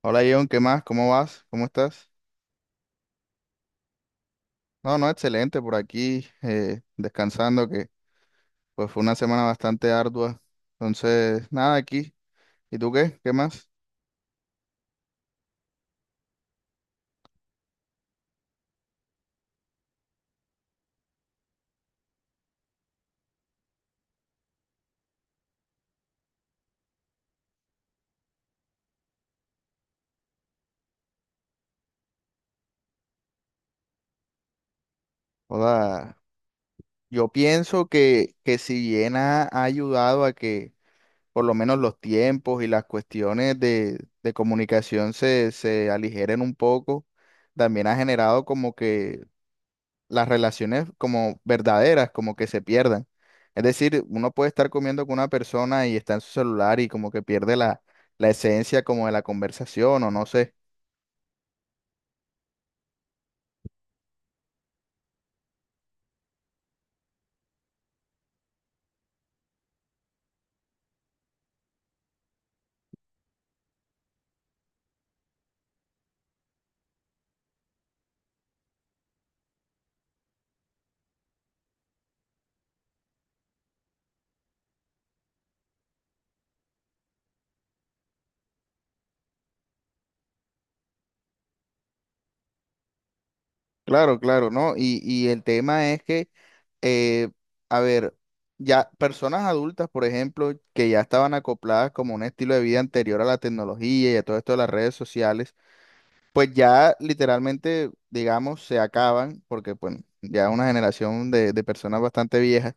Hola John, ¿qué más? ¿Cómo vas? ¿Cómo estás? No, no, excelente por aquí, descansando, que pues fue una semana bastante ardua. Entonces, nada, aquí. ¿Y tú qué? ¿Qué más? Hola. Yo pienso que si bien ha ayudado a que por lo menos los tiempos y las cuestiones de comunicación se aligeren un poco, también ha generado como que las relaciones como verdaderas, como que se pierdan. Es decir, uno puede estar comiendo con una persona y está en su celular y como que pierde la esencia como de la conversación o no sé. Claro, claro, ¿no? Y el tema es que, eh, a ver, ya personas adultas, por ejemplo, que ya estaban acopladas como un estilo de vida anterior a la tecnología y a todo esto de las redes sociales, pues ya literalmente, digamos, se acaban, porque, bueno, ya es una generación de personas bastante viejas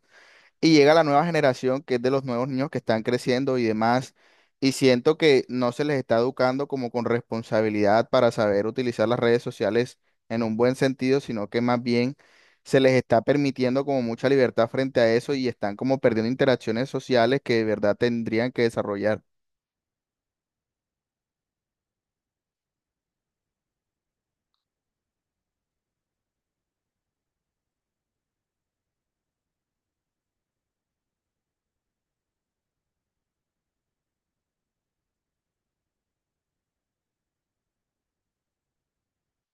y llega la nueva generación que es de los nuevos niños que están creciendo y demás, y siento que no se les está educando como con responsabilidad para saber utilizar las redes sociales en un buen sentido, sino que más bien se les está permitiendo como mucha libertad frente a eso y están como perdiendo interacciones sociales que de verdad tendrían que desarrollar.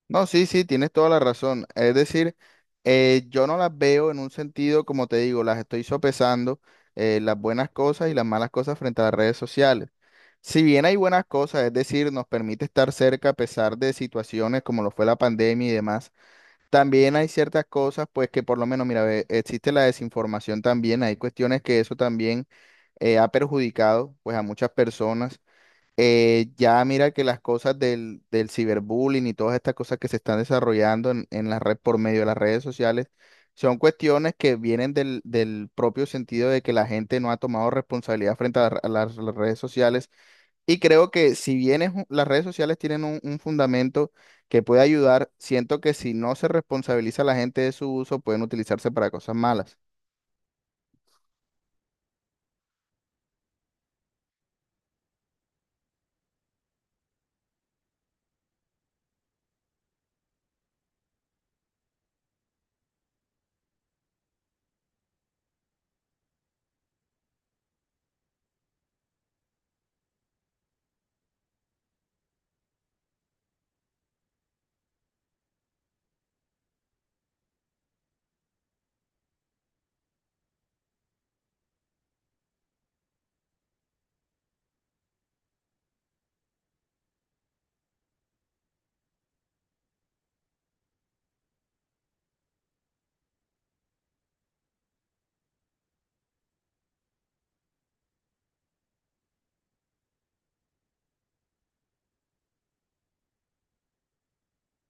No, sí, sí, tienes toda la razón. Es decir, yo no las veo en un sentido, como te digo, las estoy sopesando, las buenas cosas y las malas cosas frente a las redes sociales. Si bien hay buenas cosas, es decir, nos permite estar cerca a pesar de situaciones como lo fue la pandemia y demás, también hay ciertas cosas, pues que por lo menos, mira, ve, existe la desinformación también, hay cuestiones que eso también ha perjudicado, pues a muchas personas, ya mira que las cosas del ciberbullying y todas estas cosas que se están desarrollando en la red por medio de las redes sociales son cuestiones que vienen del propio sentido de que la gente no ha tomado responsabilidad frente a, a las redes sociales. Y creo que si bien las redes sociales tienen un fundamento que puede ayudar, siento que si no se responsabiliza a la gente de su uso, pueden utilizarse para cosas malas.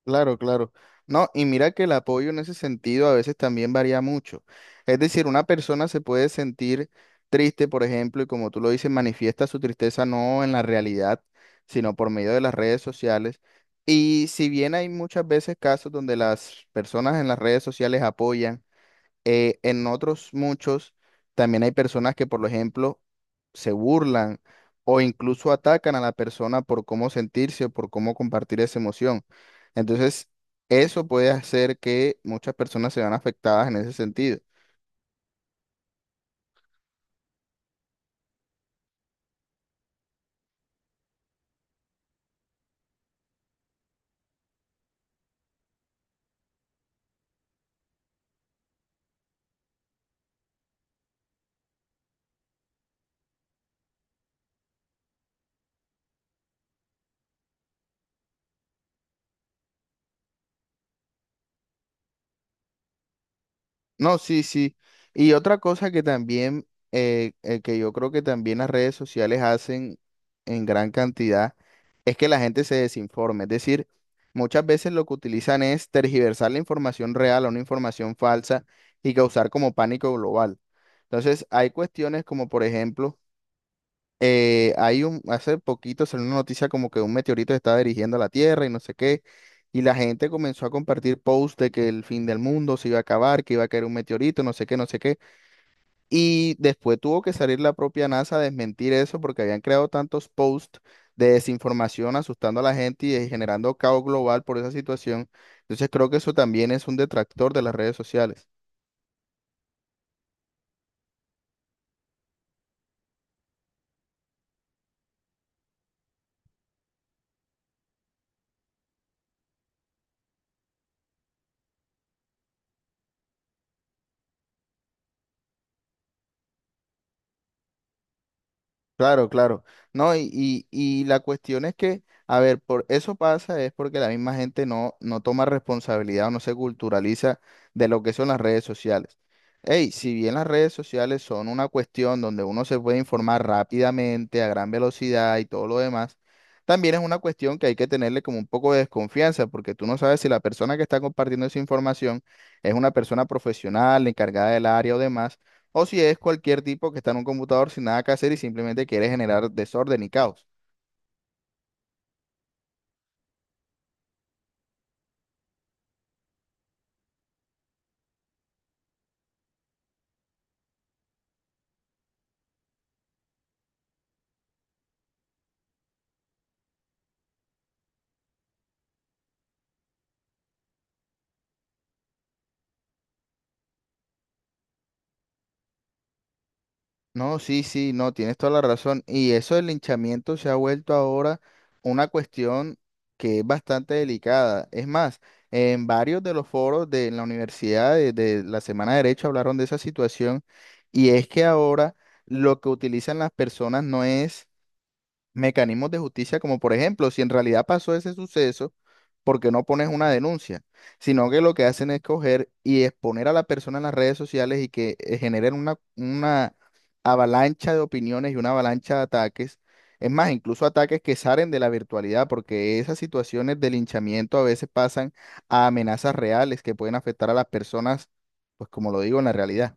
Claro, claro. No, y mira que el apoyo en ese sentido a veces también varía mucho. Es decir, una persona se puede sentir triste, por ejemplo, y como tú lo dices, manifiesta su tristeza no en la realidad, sino por medio de las redes sociales. Y si bien hay muchas veces casos donde las personas en las redes sociales apoyan, en otros muchos también hay personas que, por ejemplo, se burlan o incluso atacan a la persona por cómo sentirse o por cómo compartir esa emoción. Entonces, eso puede hacer que muchas personas se vean afectadas en ese sentido. No, sí, sí. Y otra cosa que también, que yo creo que también las redes sociales hacen en gran cantidad, es que la gente se desinforme. Es decir, muchas veces lo que utilizan es tergiversar la información real a una información falsa y causar como pánico global. Entonces, hay cuestiones como, por ejemplo, hace poquito salió una noticia como que un meteorito se estaba dirigiendo a la Tierra y no sé qué, y la gente comenzó a compartir posts de que el fin del mundo se iba a acabar, que iba a caer un meteorito, no sé qué, no sé qué, y después tuvo que salir la propia NASA a desmentir eso porque habían creado tantos posts de desinformación asustando a la gente y generando caos global por esa situación. Entonces creo que eso también es un detractor de las redes sociales. Claro, claro. No, y la cuestión es que, a ver, por eso pasa es porque la misma gente no toma responsabilidad o no se culturaliza de lo que son las redes sociales. Hey, si bien las redes sociales son una cuestión donde uno se puede informar rápidamente, a gran velocidad y todo lo demás, también es una cuestión que hay que tenerle como un poco de desconfianza, porque tú no sabes si la persona que está compartiendo esa información es una persona profesional, encargada del área o demás o si es cualquier tipo que está en un computador sin nada que hacer y simplemente quiere generar desorden y caos. No, sí, sí, no, tienes toda la razón. Y eso del linchamiento se ha vuelto ahora una cuestión que es bastante delicada. Es más, en varios de los foros de la universidad de la Semana de Derecho hablaron de esa situación y es que ahora lo que utilizan las personas no es mecanismos de justicia, como por ejemplo, si en realidad pasó ese suceso, ¿por qué no pones una denuncia? Sino que lo que hacen es coger y exponer a la persona en las redes sociales y que generen una avalancha de opiniones y una avalancha de ataques. Es más, incluso ataques que salen de la virtualidad, porque esas situaciones de linchamiento a veces pasan a amenazas reales que pueden afectar a las personas, pues como lo digo, en la realidad.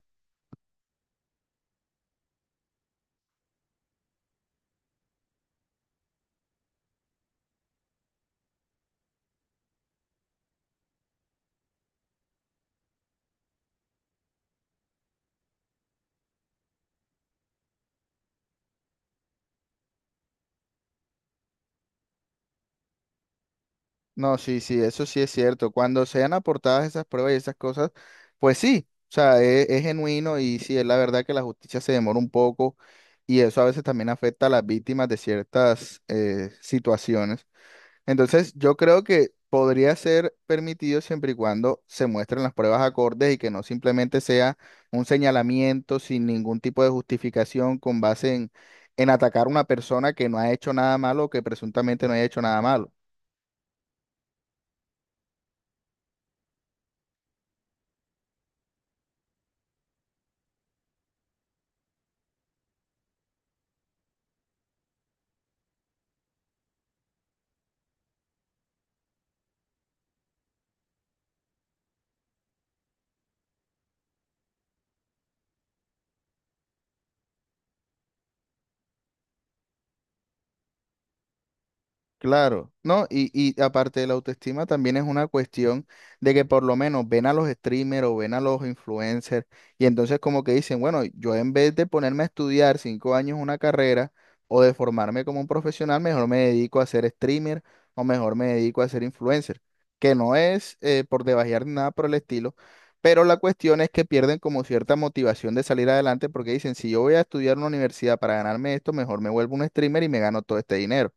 No, sí, sí, eso sí es cierto. Cuando sean aportadas esas pruebas y esas cosas, pues sí, o sea, es, genuino y sí, es la verdad que la justicia se demora un poco y eso a veces también afecta a las víctimas de ciertas situaciones. Entonces, yo creo que podría ser permitido siempre y cuando se muestren las pruebas acordes y que no simplemente sea un señalamiento sin ningún tipo de justificación con base en atacar a una persona que no ha hecho nada malo o que presuntamente no haya hecho nada malo. Claro, ¿no? Y aparte de la autoestima también es una cuestión de que por lo menos ven a los streamers o ven a los influencers y entonces como que dicen, bueno, yo en vez de ponerme a estudiar 5 años una carrera o de formarme como un profesional, mejor me dedico a ser streamer o mejor me dedico a ser influencer, que no es por debajear ni nada por el estilo, pero la cuestión es que pierden como cierta motivación de salir adelante porque dicen, si yo voy a estudiar en una universidad para ganarme esto, mejor me vuelvo un streamer y me gano todo este dinero.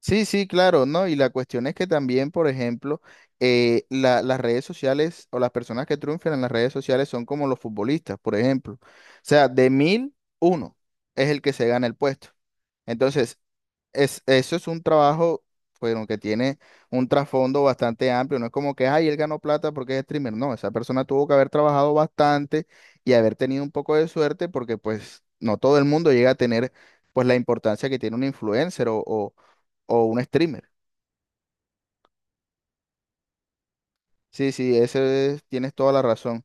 Sí, sí, claro, ¿no? Y la cuestión es que también, por ejemplo, las redes sociales o las personas que triunfan en las redes sociales son como los futbolistas, por ejemplo. O sea, de mil, uno es el que se gana el puesto. Entonces, es, eso es un trabajo, bueno, que tiene un trasfondo bastante amplio. No es como que, ay, él ganó plata porque es streamer. No, esa persona tuvo que haber trabajado bastante y haber tenido un poco de suerte porque, pues, no todo el mundo llega a tener, pues, la importancia que tiene un influencer o un streamer. Sí, sí, tienes toda la razón.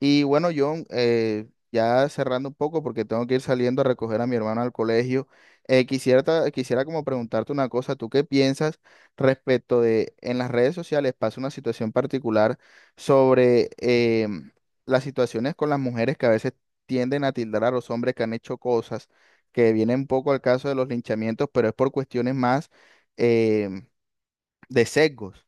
Y bueno, John, ya cerrando un poco porque tengo que ir saliendo a recoger a mi hermano al colegio, quisiera como preguntarte una cosa, ¿tú qué piensas respecto de en las redes sociales pasa una situación particular sobre las situaciones con las mujeres que a veces tienden a tildar a los hombres que han hecho cosas que vienen un poco al caso de los linchamientos, pero es por cuestiones más em, de sesgos?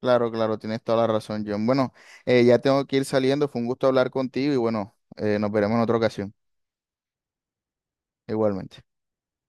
Claro, claro, tienes toda la razón, John. Bueno, ya tengo que ir saliendo, fue un gusto hablar contigo y bueno, nos veremos en otra ocasión, igualmente.